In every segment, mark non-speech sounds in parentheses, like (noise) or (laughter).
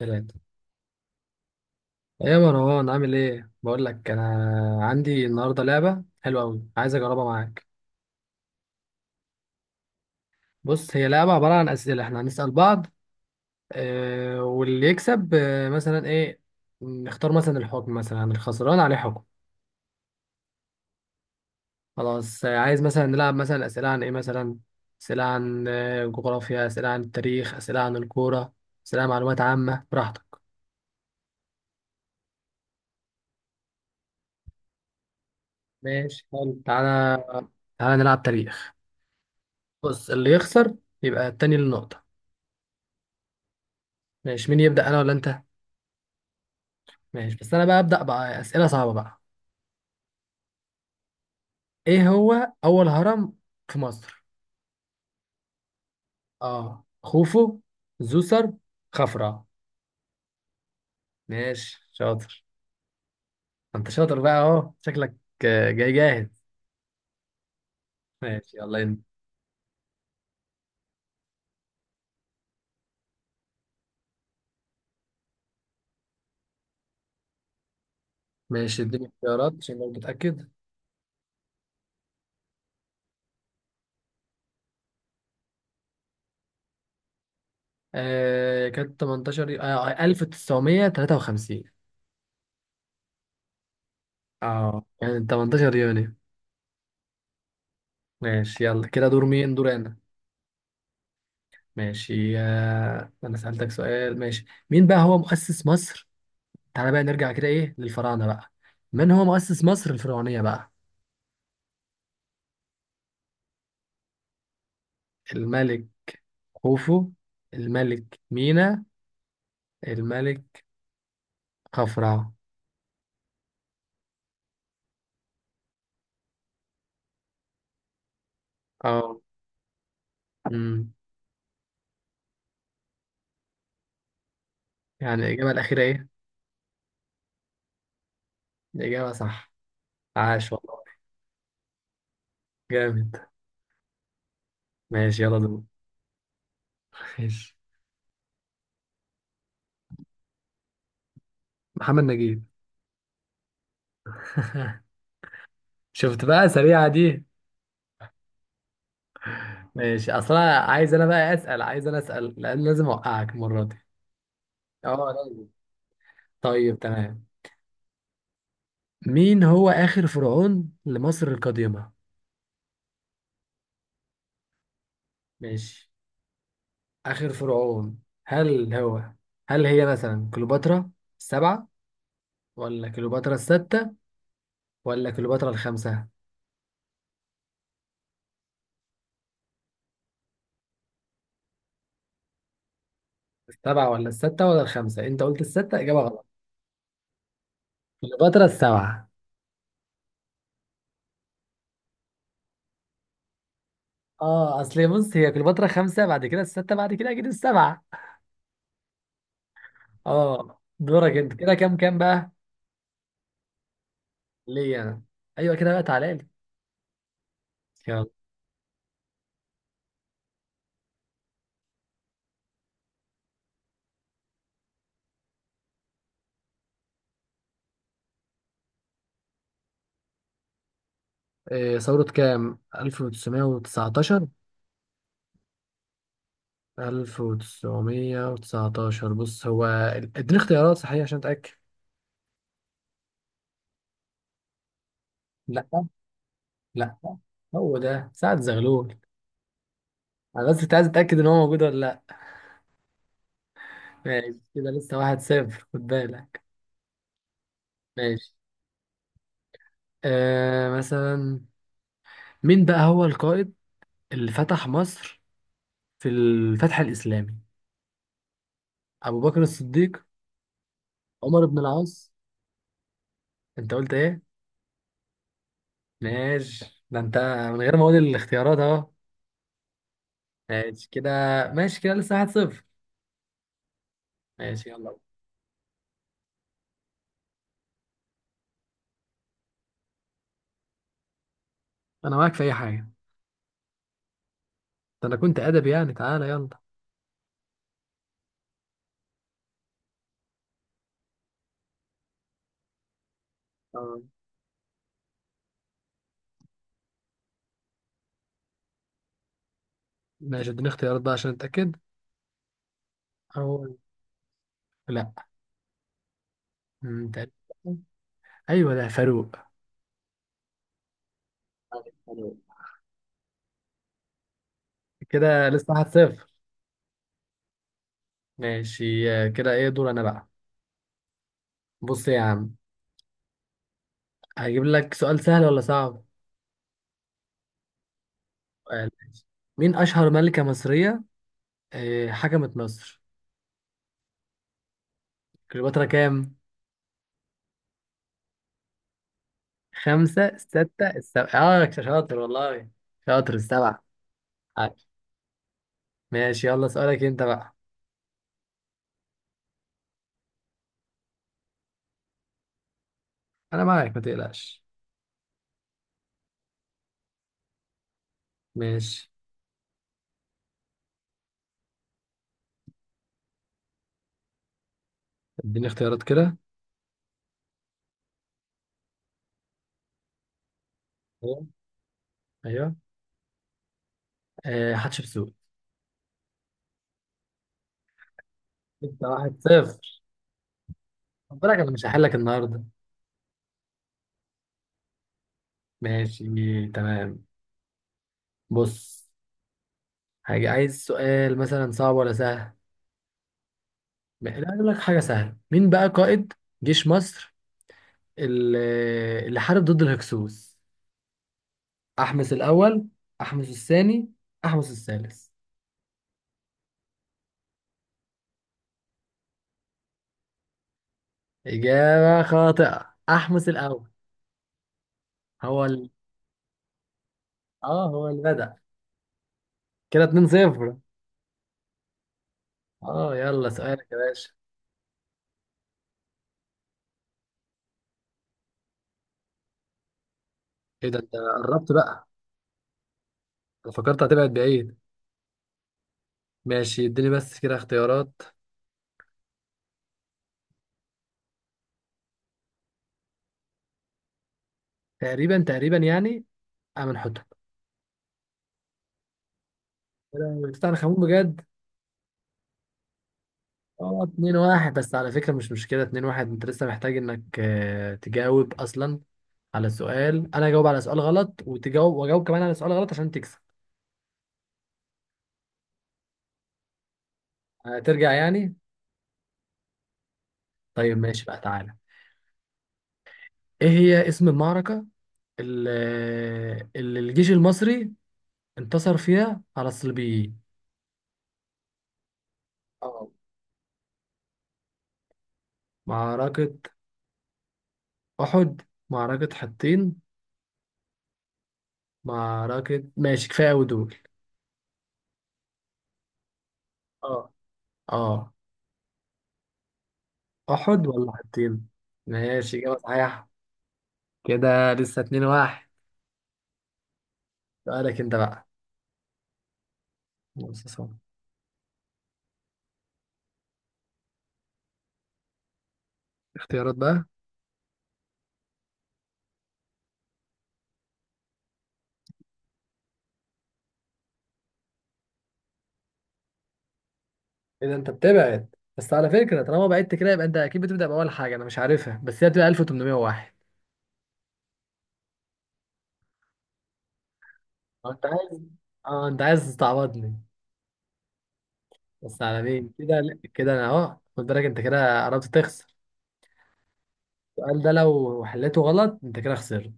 ثلاثة. يا مروان، عامل ايه؟ بقول لك انا عندي النهارده لعبة حلوة أوي، عايز اجربها معاك. بص، هي لعبة عبارة عن أسئلة احنا هنسأل بعض. اه، واللي يكسب اه، مثلا ايه. نختار مثلا الحكم، مثلا الخسران عليه حكم. خلاص. عايز مثلا نلعب مثلا أسئلة عن ايه مثلا؟ أسئلة عن جغرافيا، أسئلة عن التاريخ، أسئلة عن الكورة، أسئلة عن معلومات عامة، براحتك. ماشي، حلو، تعالى. تعالى نلعب تاريخ. بص، اللي يخسر يبقى التاني للنقطة. ماشي، مين يبدأ، أنا ولا أنت؟ ماشي، بس أنا بقى أبدأ بقى أسئلة صعبة بقى. إيه هو أول هرم في مصر؟ آه، خوفو، زوسر، خفرع؟ ماشي شاطر. أنت شاطر بقى أهو، شكلك جاي جاهز. ماشي يلا أنت. ماشي، اديني اختيارات عشان برضه أتأكد. آه كانت 18 يو- آه 1953. آه يعني 18 يونيو. ماشي يلا، كده دور مين؟ دور أنا. ماشي، آه أنا سألتك سؤال. ماشي، مين بقى هو مؤسس مصر؟ تعالى بقى نرجع كده ايه للفراعنه بقى. من هو مؤسس مصر الفرعونيه بقى؟ الملك خوفو، الملك مينا، الملك خفرع؟ اه. امم. يعني الاجابه الاخيره ايه؟ الاجابه صح. عاش والله. جامد. ماشي يلا دول. ماشي، محمد نجيب. (laughs) شفت بقى سريعه دي. ماشي، اصلا عايز انا بقى اسال، عايز انا اسال، لان لازم اوقعك المره دي. اه لازم. طيب تمام. مين هو اخر فرعون لمصر القديمه؟ ماشي، آخر فرعون، هل هو هل هي مثلا كليوباترا السبعة، ولا كليوباترا الستة، ولا كليوباترا الخمسة؟ السبعة ولا الستة ولا الخمسة؟ أنت قلت الستة، إجابة غلط. كليوباترا السبعة. اه، اصل بص هي كليوباترا خمسة، بعد كده الستة، بعد كده أكيد السبعة. اه دورك أنت، كده كام بقى؟ ليا أنا. أيوه، كده بقى تعالى لي. يلا. إيه ثورة كام، 1919؟ بص هو، اديني اختيارات صحيح عشان أتأكد. لا، لا، هو ده سعد زغلول. انا بس كنت عايز اتاكد ان هو موجود ولا لا. ماشي، كده لسه 1-0، خد بالك. ماشي، آه مثلا، مين بقى هو القائد اللي فتح مصر في الفتح الاسلامي؟ ابو بكر الصديق؟ عمر بن العاص؟ انت قلت ايه؟ ماشي ده انت، من غير ما اقول الاختيارات اهو. ماشي كده. ماشي كده لسه واحد صفر. ماشي يلا. انا معاك في اي حاجه. ده انا كنت ادبي يعني، تعالى يلا. آه، ماشي، اديني اختيارات بقى عشان اتاكد. أول. لا. مم، تقريبا. ايوه ده فاروق. حلو. كده لسه 1-0. ماشي آه، كده ايه دور انا بقى؟ بص يا عم، هجيب لك سؤال سهل ولا صعب؟ سؤال. مين اشهر ملكة مصرية حكمت مصر؟ كليوباترا كام؟ خمسة، ستة، السبعة؟ اه شاطر والله، شاطر السبعة. عاش. ماشي يلا، سؤالك انت بقى. انا معاك ما تقلقش. ماشي، اديني اختيارات كده. ايوه، ايوه، آه، حتشبسوت. انت 1-0، خد بالك انا مش هحلك النهارده. ماشي تمام. بص، حاجة، عايز سؤال مثلا صعب ولا سهل؟ لا اقول لك حاجة سهلة. مين بقى قائد جيش مصر اللي اللي حارب ضد الهكسوس؟ أحمس الأول، أحمس الثاني، أحمس الثالث؟ إجابة خاطئة، أحمس الأول. هو ال... اه هو اللي بدأ. كده 2-0. اه يلا سؤالك يا باشا. ايه ده انت قربت بقى. انا فكرت هتبعد بعيد. ماشي اديني بس كده اختيارات. تقريبا، تقريبا يعني. أمن حتمي. يا لهوي، توت عنخ امون بجد. اه اه، 2 1، بس على فكره مش مشكله، 2 1 انت لسه محتاج انك تجاوب اصلا على سؤال، انا اجاوب على سؤال غلط، وتجاوب واجاوب كمان على سؤال غلط عشان تكسب. هترجع يعني. طيب ماشي بقى، تعالى. ايه هي اسم المعركه اللي, اللي الجيش المصري انتصر فيها على الصليبيين؟ اه، معركه احد، معركه حطين، معركه، ماشي كفايه قوي دول. اه، اه، احد ولا حطين؟ ماشي، اجابه صحيحه. كده لسه 2-1. سؤالك انت بقى. بص يا صاحبي. اختيارات بقى. اذا انت بتبعد، بس على فكرة طالما بعدت كده، يبقى انت اكيد بتبدأ بأول حاجة انا مش عارفها، بس هي بتبقى 1801. اه انت عايز اه انت عايز تستعبطني. بس على مين كده؟ لا، كده انا اهو، خد بالك انت كده قربت تخسر. السؤال ده لو حليته غلط انت كده خسرت.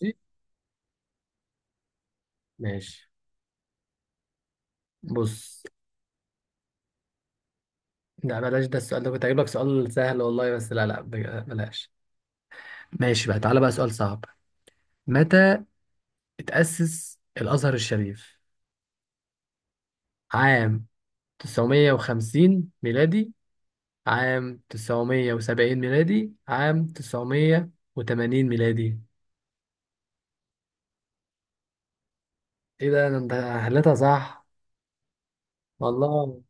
ماشي. ماشي. بص، لا بلاش، ده السؤال ده، كنت هجيب لك سؤال سهل والله، بس لا، لا، بلاش. ماشي بقى، تعالى بقى سؤال صعب. متى اتأسس الأزهر الشريف؟ عام 950 ميلادي، عام 970 ميلادي، عام 980 ميلادي؟ ايه ده انا، انت حليتها صح. والله.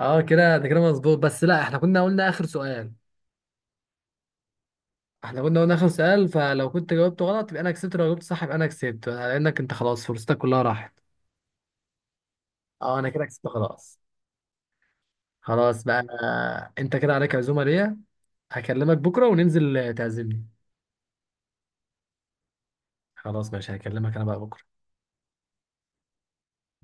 اه كده ده كده مظبوط، بس لا، احنا كنا قلنا اخر سؤال. فلو كنت جاوبته غلط يبقى انا كسبت، لو جاوبت صح يبقى انا كسبت، لانك انت خلاص فرصتك كلها راحت. اه انا كده كسبت خلاص. خلاص بقى. انت كده عليك عزومة ليا، هكلمك بكرة وننزل تعزمني. خلاص ماشي، هكلمك انا بقى بكرة.